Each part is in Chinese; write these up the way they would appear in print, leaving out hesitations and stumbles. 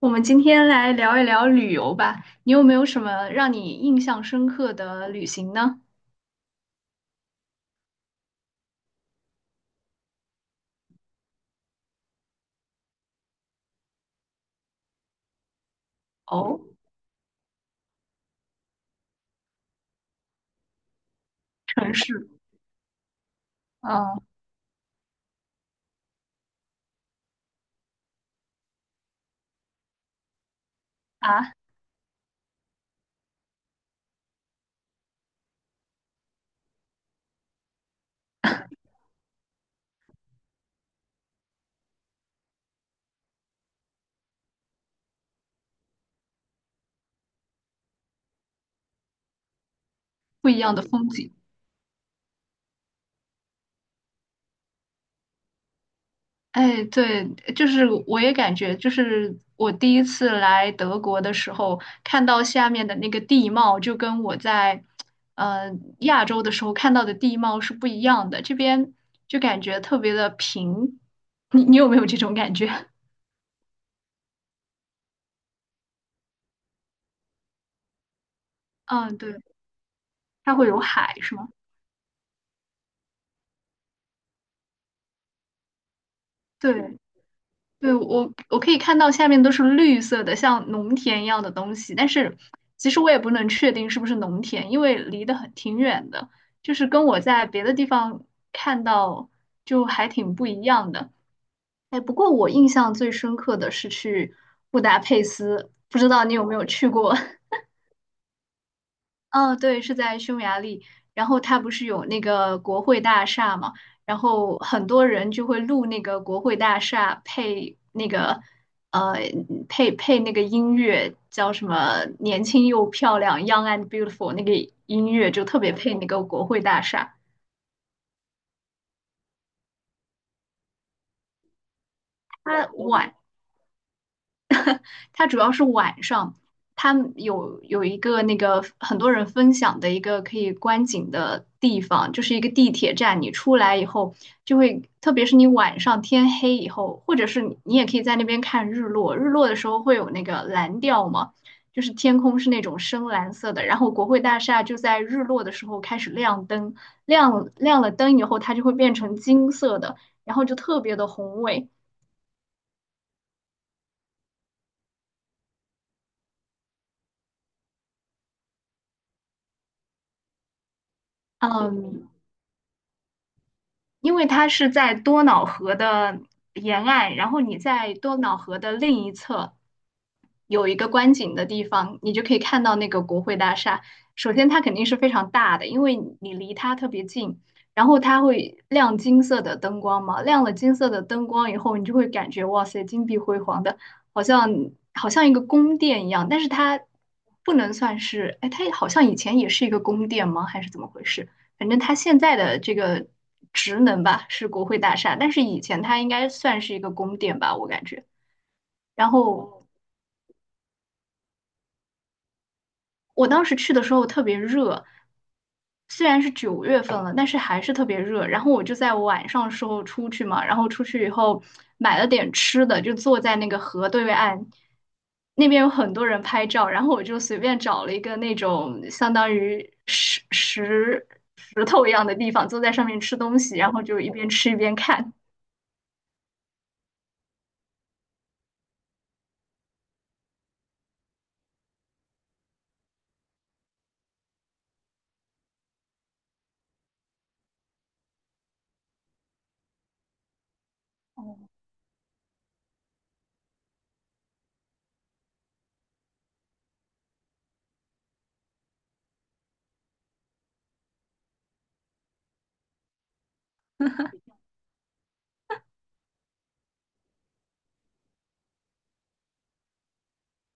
我们今天来聊一聊旅游吧。你有没有什么让你印象深刻的旅行呢？哦，城市，嗯啊，不一样的风景。哎，对，就是我也感觉，就是我第一次来德国的时候，看到下面的那个地貌，就跟我在呃亚洲的时候看到的地貌是不一样的。这边就感觉特别的平，你有没有这种感觉？嗯，对，它会有海，是吗？对。对，我可以看到下面都是绿色的，像农田一样的东西，但是其实我也不能确定是不是农田，因为离得很挺远的，就是跟我在别的地方看到就还挺不一样的。哎，不过我印象最深刻的是去布达佩斯，不知道你有没有去过？哦，对，是在匈牙利。然后它不是有那个国会大厦嘛，然后很多人就会录那个国会大厦配那个呃配那个音乐，叫什么"年轻又漂亮"（ ”（Young and Beautiful） 那个音乐就特别配那个国会大厦。它晚它主要是晚上，它有一个那个很多人分享的一个可以观景的地方，就是一个地铁站。你出来以后，就会特别是你晚上天黑以后，或者是你也可以在那边看日落。日落的时候会有那个蓝调嘛，就是天空是那种深蓝色的。然后国会大厦就在日落的时候开始亮灯，亮了灯以后，它就会变成金色的，然后就特别的宏伟。嗯，因为它是在多瑙河的沿岸，然后你在多瑙河的另一侧有一个观景的地方，你就可以看到那个国会大厦。首先，它肯定是非常大的，因为你离它特别近，然后它会亮金色的灯光嘛，亮了金色的灯光以后，你就会感觉哇塞，金碧辉煌的，好像好像一个宫殿一样，但是它不能算是，哎，它好像以前也是一个宫殿吗？还是怎么回事？反正它现在的这个职能吧是国会大厦，但是以前它应该算是一个宫殿吧，我感觉。然后我当时去的时候特别热，虽然是9月份了，但是还是特别热。然后我就在晚上时候出去嘛，然后出去以后买了点吃的，就坐在那个河对岸，那边有很多人拍照，然后我就随便找了一个那种相当于石头一样的地方，坐在上面吃东西，然后就一边吃一边看。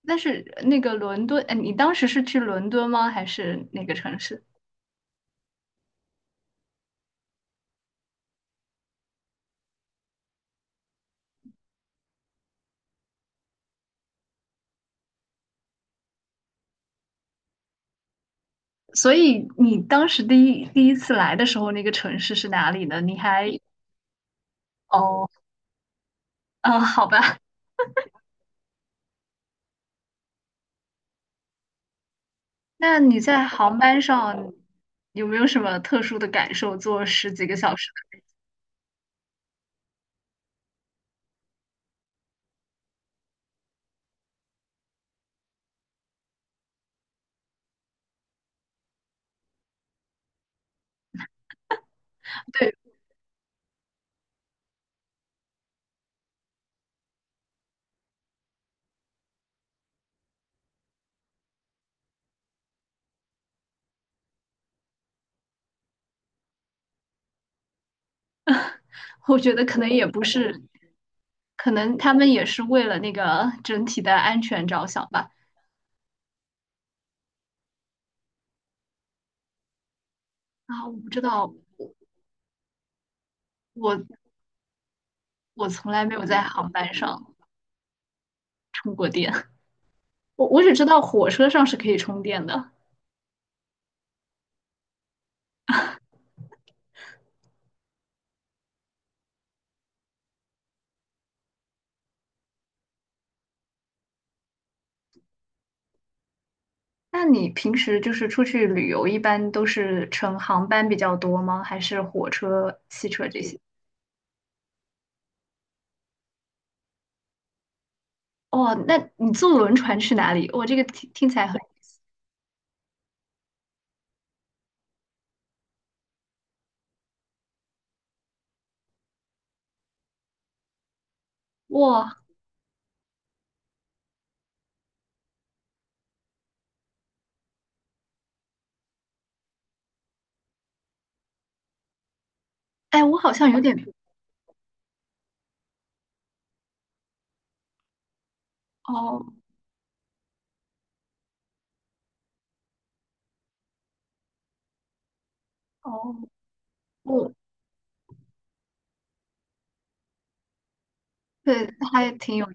但是那个伦敦，哎，你当时是去伦敦吗？还是哪个城市？所以你当时第一次来的时候，那个城市是哪里呢？你还哦，嗯，好吧。那你在航班上有没有什么特殊的感受？坐十几个小时的，对，我觉得可能也不是，可能他们也是为了那个整体的安全着想吧。啊，我不知道，我我从来没有在航班上充过电。我我只知道火车上是可以充电的。那你平时就是出去旅游，一般都是乘航班比较多吗？还是火车、汽车这些？哦，那你坐轮船去哪里？我这个听起来很哇，哎，我好像有点哦哦，我对，还挺有。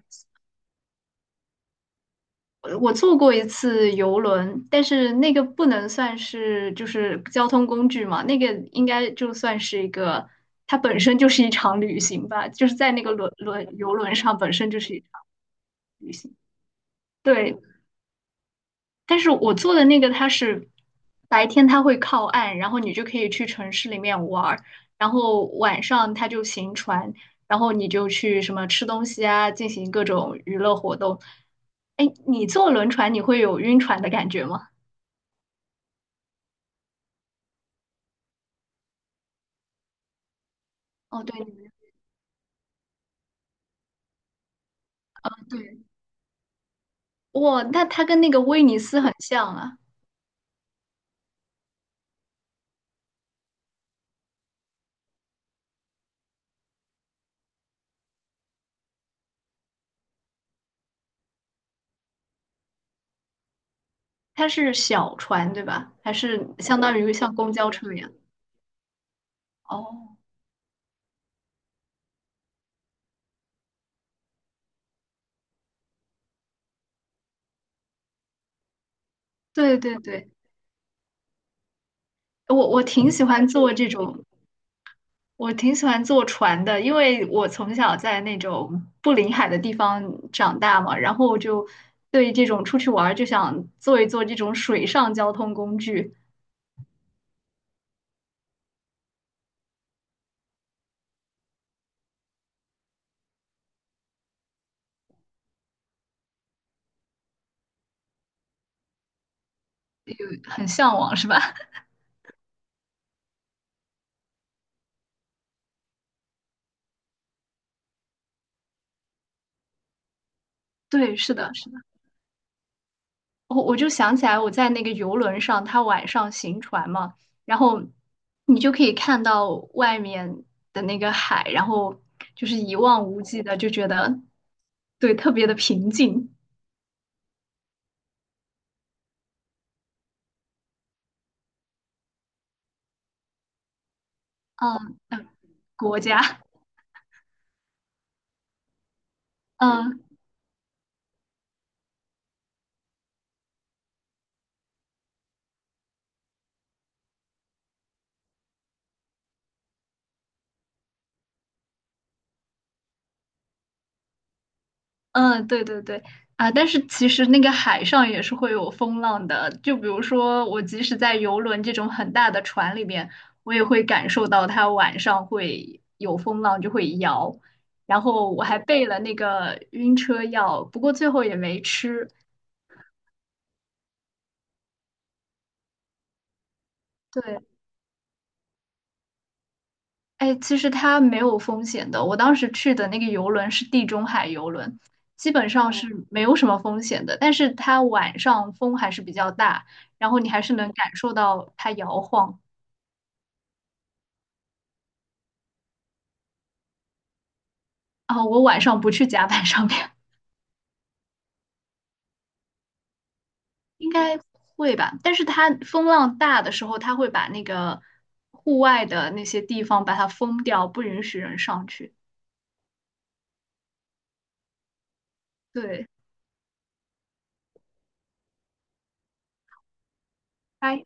我坐过一次游轮，但是那个不能算是就是交通工具嘛，那个应该就算是一个，它本身就是一场旅行吧，就是在那个游轮上本身就是一场旅行。对，但是我做的那个它是白天它会靠岸，然后你就可以去城市里面玩儿，然后晚上它就行船，然后你就去什么吃东西啊，进行各种娱乐活动。哎，你坐轮船你会有晕船的感觉吗？哦，对，你们对，哇，那它跟那个威尼斯很像啊，它是小船对吧？还是相当于像公交车一样？哦，对对对，我我挺喜欢坐这种我挺喜欢坐船的，因为我从小在那种不临海的地方长大嘛，然后我就对这种出去玩儿就想坐一坐这种水上交通工具，有很向往，是吧？对，是的，是的。我我就想起来我在那个游轮上，它晚上行船嘛，然后你就可以看到外面的那个海，然后就是一望无际的，就觉得对特别的平静。嗯，国家，嗯。嗯，对对对，啊，但是其实那个海上也是会有风浪的，就比如说我即使在游轮这种很大的船里面，我也会感受到它晚上会有风浪，就会摇。然后我还备了那个晕车药，不过最后也没吃。对，哎，其实它没有风险的。我当时去的那个游轮是地中海游轮，基本上哦是没有什么风险的。但是它晚上风还是比较大，然后你还是能感受到它摇晃。啊，我晚上不去甲板上面，应该会吧？但是它风浪大的时候，它会把那个户外的那些地方把它封掉，不允许人上去。对，它